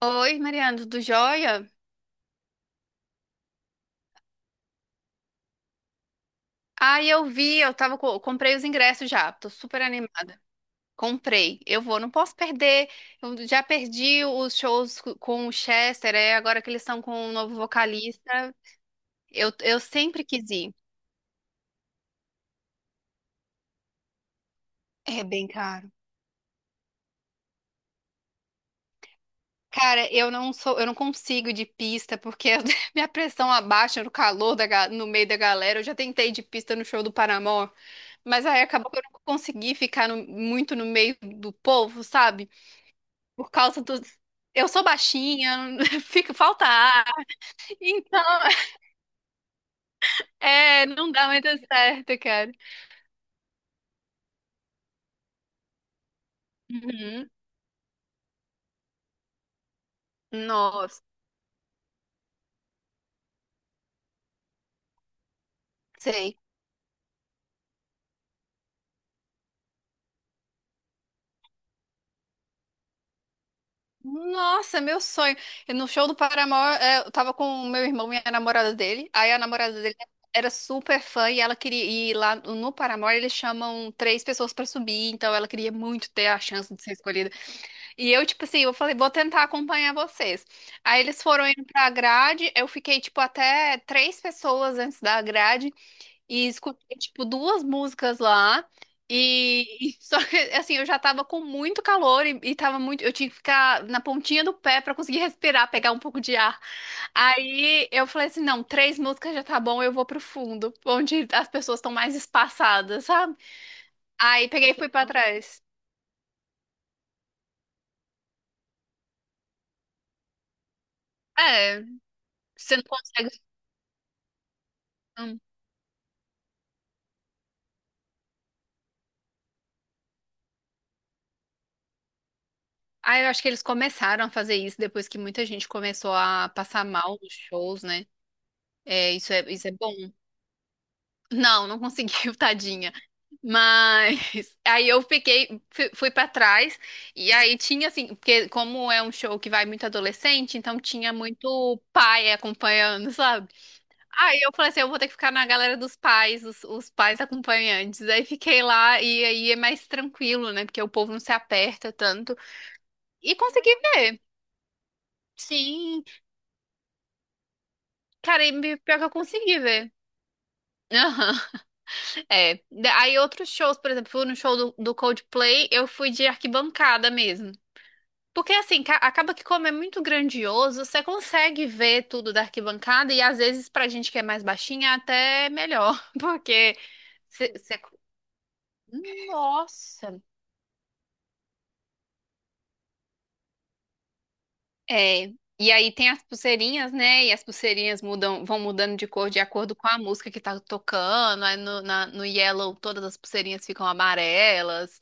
Oi, Mariana, tudo jóia? Ah, eu vi, comprei os ingressos já, tô super animada. Comprei, eu vou, não posso perder. Eu já perdi os shows com o Chester, é, agora que eles estão com um novo vocalista. Eu sempre quis ir. É bem caro. Cara, eu não consigo ir de pista porque minha pressão abaixa no calor no meio da galera. Eu já tentei ir de pista no show do Paramore, mas aí acabou que eu não consegui ficar muito no meio do povo, sabe? Por causa do. Eu sou baixinha, fica, falta ar. Então, é, não dá muito certo, cara. Uhum. Nossa, sei. Nossa, meu sonho. No show do Paramore, é, eu tava com o meu irmão e a namorada dele. Aí a namorada dele era super fã e ela queria ir lá no Paramore. Eles chamam três pessoas pra subir, então ela queria muito ter a chance de ser escolhida. E eu, tipo assim, eu falei, vou tentar acompanhar vocês. Aí eles foram indo pra grade, eu fiquei, tipo, até três pessoas antes da grade e escutei, tipo, duas músicas lá. E, e só que, assim, eu já tava com muito calor e tava muito. Eu tinha que ficar na pontinha do pé pra conseguir respirar, pegar um pouco de ar. Aí eu falei assim: não, três músicas já tá bom, eu vou pro fundo, onde as pessoas estão mais espaçadas, sabe? Aí peguei e fui pra trás. É, você não consegue. Ah, eu acho que eles começaram a fazer isso depois que muita gente começou a passar mal nos shows, né? É, isso é bom. Não, não conseguiu, tadinha. Mas aí eu fiquei, fui para trás e aí tinha assim, porque como é um show que vai muito adolescente, então tinha muito pai acompanhando, sabe? Aí eu falei assim, eu vou ter que ficar na galera dos pais, os pais acompanhantes. Aí fiquei lá e aí é mais tranquilo, né? Porque o povo não se aperta tanto. E consegui ver. Sim, cara, e pior que eu consegui ver. Aham, é. Aí outros shows, por exemplo, fui no show do Coldplay, eu fui de arquibancada mesmo. Porque assim, acaba que como é muito grandioso, você consegue ver tudo da arquibancada e às vezes pra gente que é mais baixinha é até melhor, porque você... você- Nossa! É. E aí tem as pulseirinhas, né? E as pulseirinhas mudam, vão mudando de cor de acordo com a música que tá tocando. Aí no Yellow todas as pulseirinhas ficam amarelas.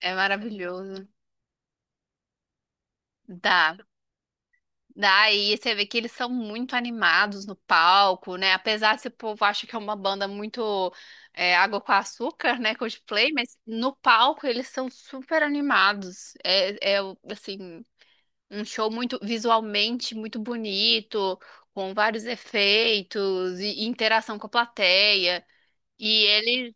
É maravilhoso. Dá. Daí você vê que eles são muito animados no palco, né? Apesar se o povo acha que é uma banda muito é, água com açúcar, né? Coldplay, mas no palco eles são super animados. É assim, um show muito visualmente muito bonito, com vários efeitos e interação com a plateia. E eles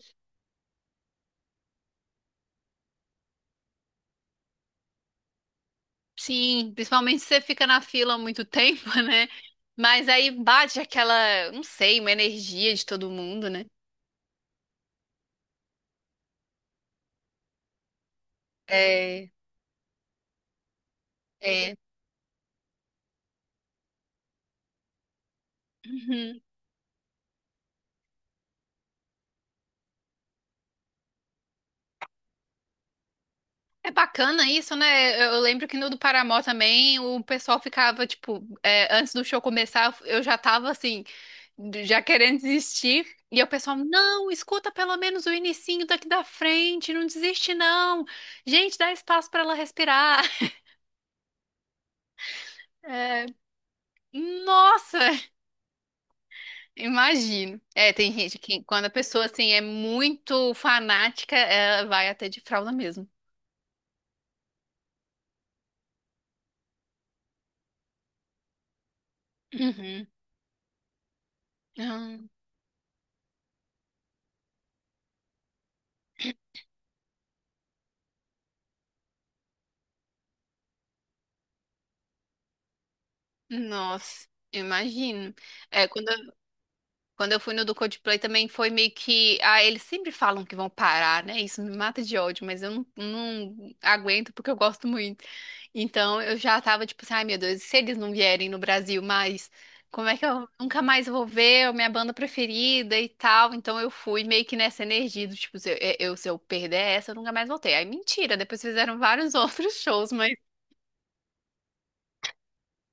Sim, principalmente se você fica na fila há muito tempo, né? Mas aí bate aquela, não sei, uma energia de todo mundo, né? É, é. Uhum. É bacana isso, né? Eu lembro que no do Paramore também o pessoal ficava, tipo, é, antes do show começar, eu já tava assim, já querendo desistir. E o pessoal, não, escuta pelo menos o inicinho daqui da frente, não desiste não. Gente, dá espaço pra ela respirar. É, nossa! Imagino. É, tem gente que quando a pessoa assim é muito fanática, ela vai até de fralda mesmo. Uhum. Ah, Nossa, imagino. É, quando eu fui no do Coldplay também foi meio que. Ah, eles sempre falam que vão parar, né? Isso me mata de ódio, mas eu não aguento porque eu gosto muito. Então eu já tava tipo assim, ai meu Deus, e se eles não vierem no Brasil mais, como é que eu nunca mais vou ver a minha banda preferida e tal? Então eu fui meio que nessa energia do tipo, se eu perder essa, eu nunca mais voltei. Aí mentira, depois fizeram vários outros shows, mas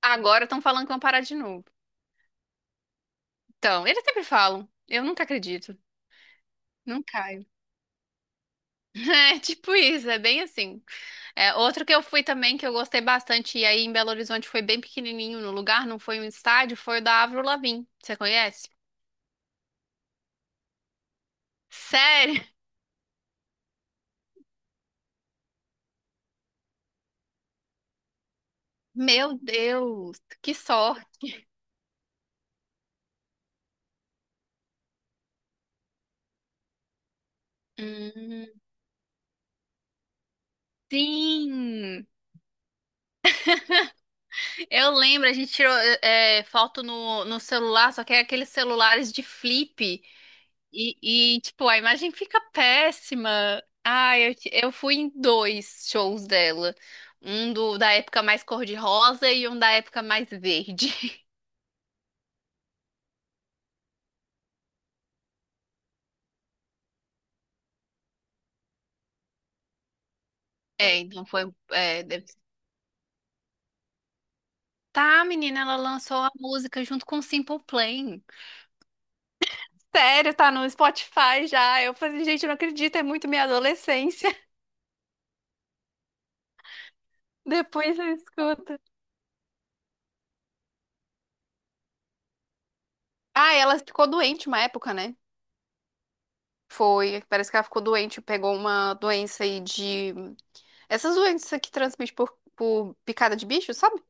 agora estão falando que vão parar de novo. Então, eles sempre falam. Eu nunca acredito. Nunca. É tipo isso, é bem assim. É, outro que eu fui também, que eu gostei bastante, e aí em Belo Horizonte foi bem pequenininho no lugar, não foi um estádio, foi o da Avril Lavigne. Você conhece? Sério? Meu Deus, que sorte. Hum, Sim! Eu lembro, a gente tirou foto no celular, só que é aqueles celulares de flip. Tipo, a imagem fica péssima. Ah, eu fui em dois shows dela. Um da época mais cor-de-rosa e um da época mais verde. É, então foi. é, deve- Tá, menina, ela lançou a música junto com o Simple Plan. Sério, tá no Spotify já. Eu falei, gente, eu não acredito, é muito minha adolescência. Depois eu escuto. Ah, ela ficou doente uma época, né? Foi, parece que ela ficou doente, pegou uma doença aí de. Essas doenças que transmite por picada de bicho, sabe?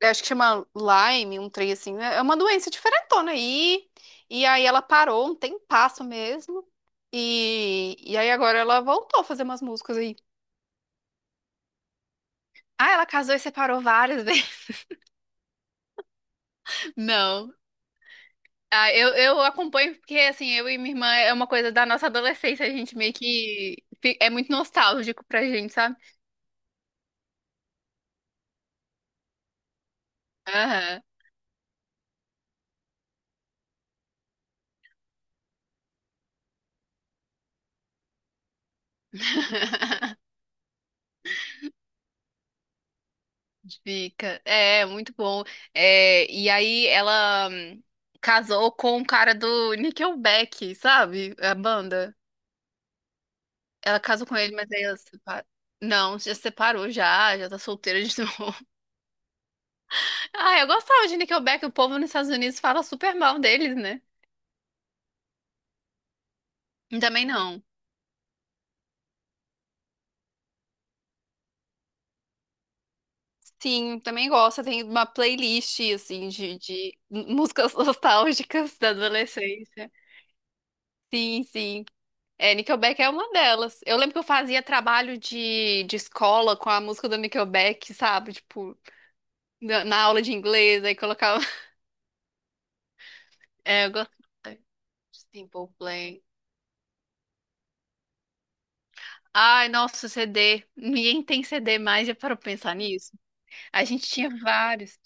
Eu acho que chama Lyme, um trem assim, né? É uma doença diferentona aí. E aí ela parou um tempasso mesmo. E aí agora ela voltou a fazer umas músicas aí. Ah, ela casou e separou várias vezes. Não. Ah, eu acompanho porque, assim, eu e minha irmã é uma coisa da nossa adolescência. A gente meio que é muito nostálgico pra gente, sabe? Aham. Fica. É, muito bom. É, e aí ela casou com o cara do Nickelback, sabe? A banda. Ela casou com ele, mas aí ela separa... Não, já separou já, já tá solteira de novo. Ah, eu gostava de Nickelback, o povo nos Estados Unidos fala super mal deles, né? Também não. Sim, também gosto. Tem uma playlist, assim, de músicas nostálgicas da adolescência. Sim, sim. É, Nickelback é uma delas. Eu lembro que eu fazia trabalho de escola com a música do Nickelback, sabe? Tipo, na aula de inglês, aí colocava. É, eu gosto de Simple Plan. Ai, nossa, CD. Ninguém tem CD mais, já parou pra pensar nisso? A gente tinha vários.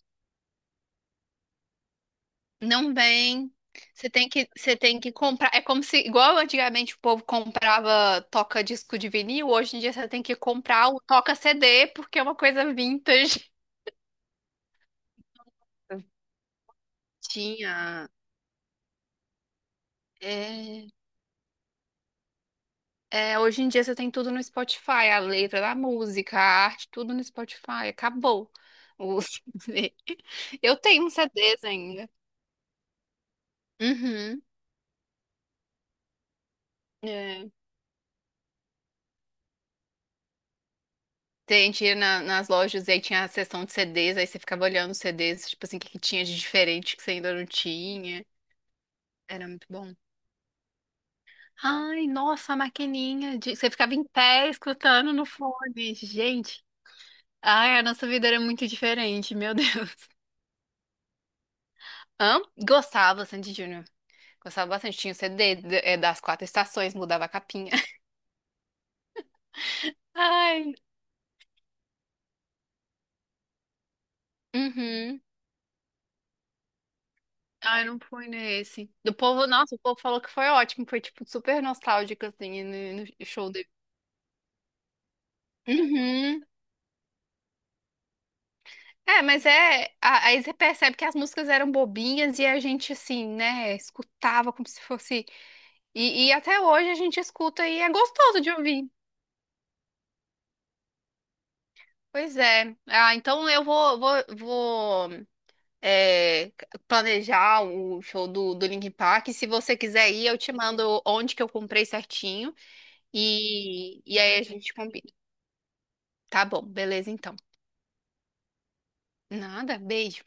Não vem. Você tem que comprar. É como se, igual antigamente o povo comprava toca disco de vinil, hoje em dia você tem que comprar o toca CD, porque é uma coisa vintage. Tinha. É, É, hoje em dia você tem tudo no Spotify, a letra da música, a arte, tudo no Spotify. Acabou o CD. Eu tenho uns CDs ainda. Uhum. É. Tem, tinha nas lojas e aí tinha a seção de CDs, aí você ficava olhando os CDs, tipo assim, o que que tinha de diferente que você ainda não tinha. Era muito bom. Ai, nossa, a maquininha. Você ficava em pé escutando no fone. Gente, ai, a nossa vida era muito diferente, meu Deus. Hã? Gostava, Sandy Júnior. Gostava bastante. Tinha o CD das quatro estações, mudava a capinha. Ai, uhum. Ai, não fui nesse. Do povo, nossa, o povo falou que foi ótimo. Foi, tipo, super nostálgico, assim, no show dele. Uhum. É, mas é. Aí você percebe que as músicas eram bobinhas e a gente, assim, né, escutava como se fosse. E até hoje a gente escuta e é gostoso de ouvir. Pois é. Ah, então eu é, planejar o show do Linkin Park. Se você quiser ir, eu te mando onde que eu comprei certinho e aí a gente combina. Tá bom, beleza então. Nada, beijo.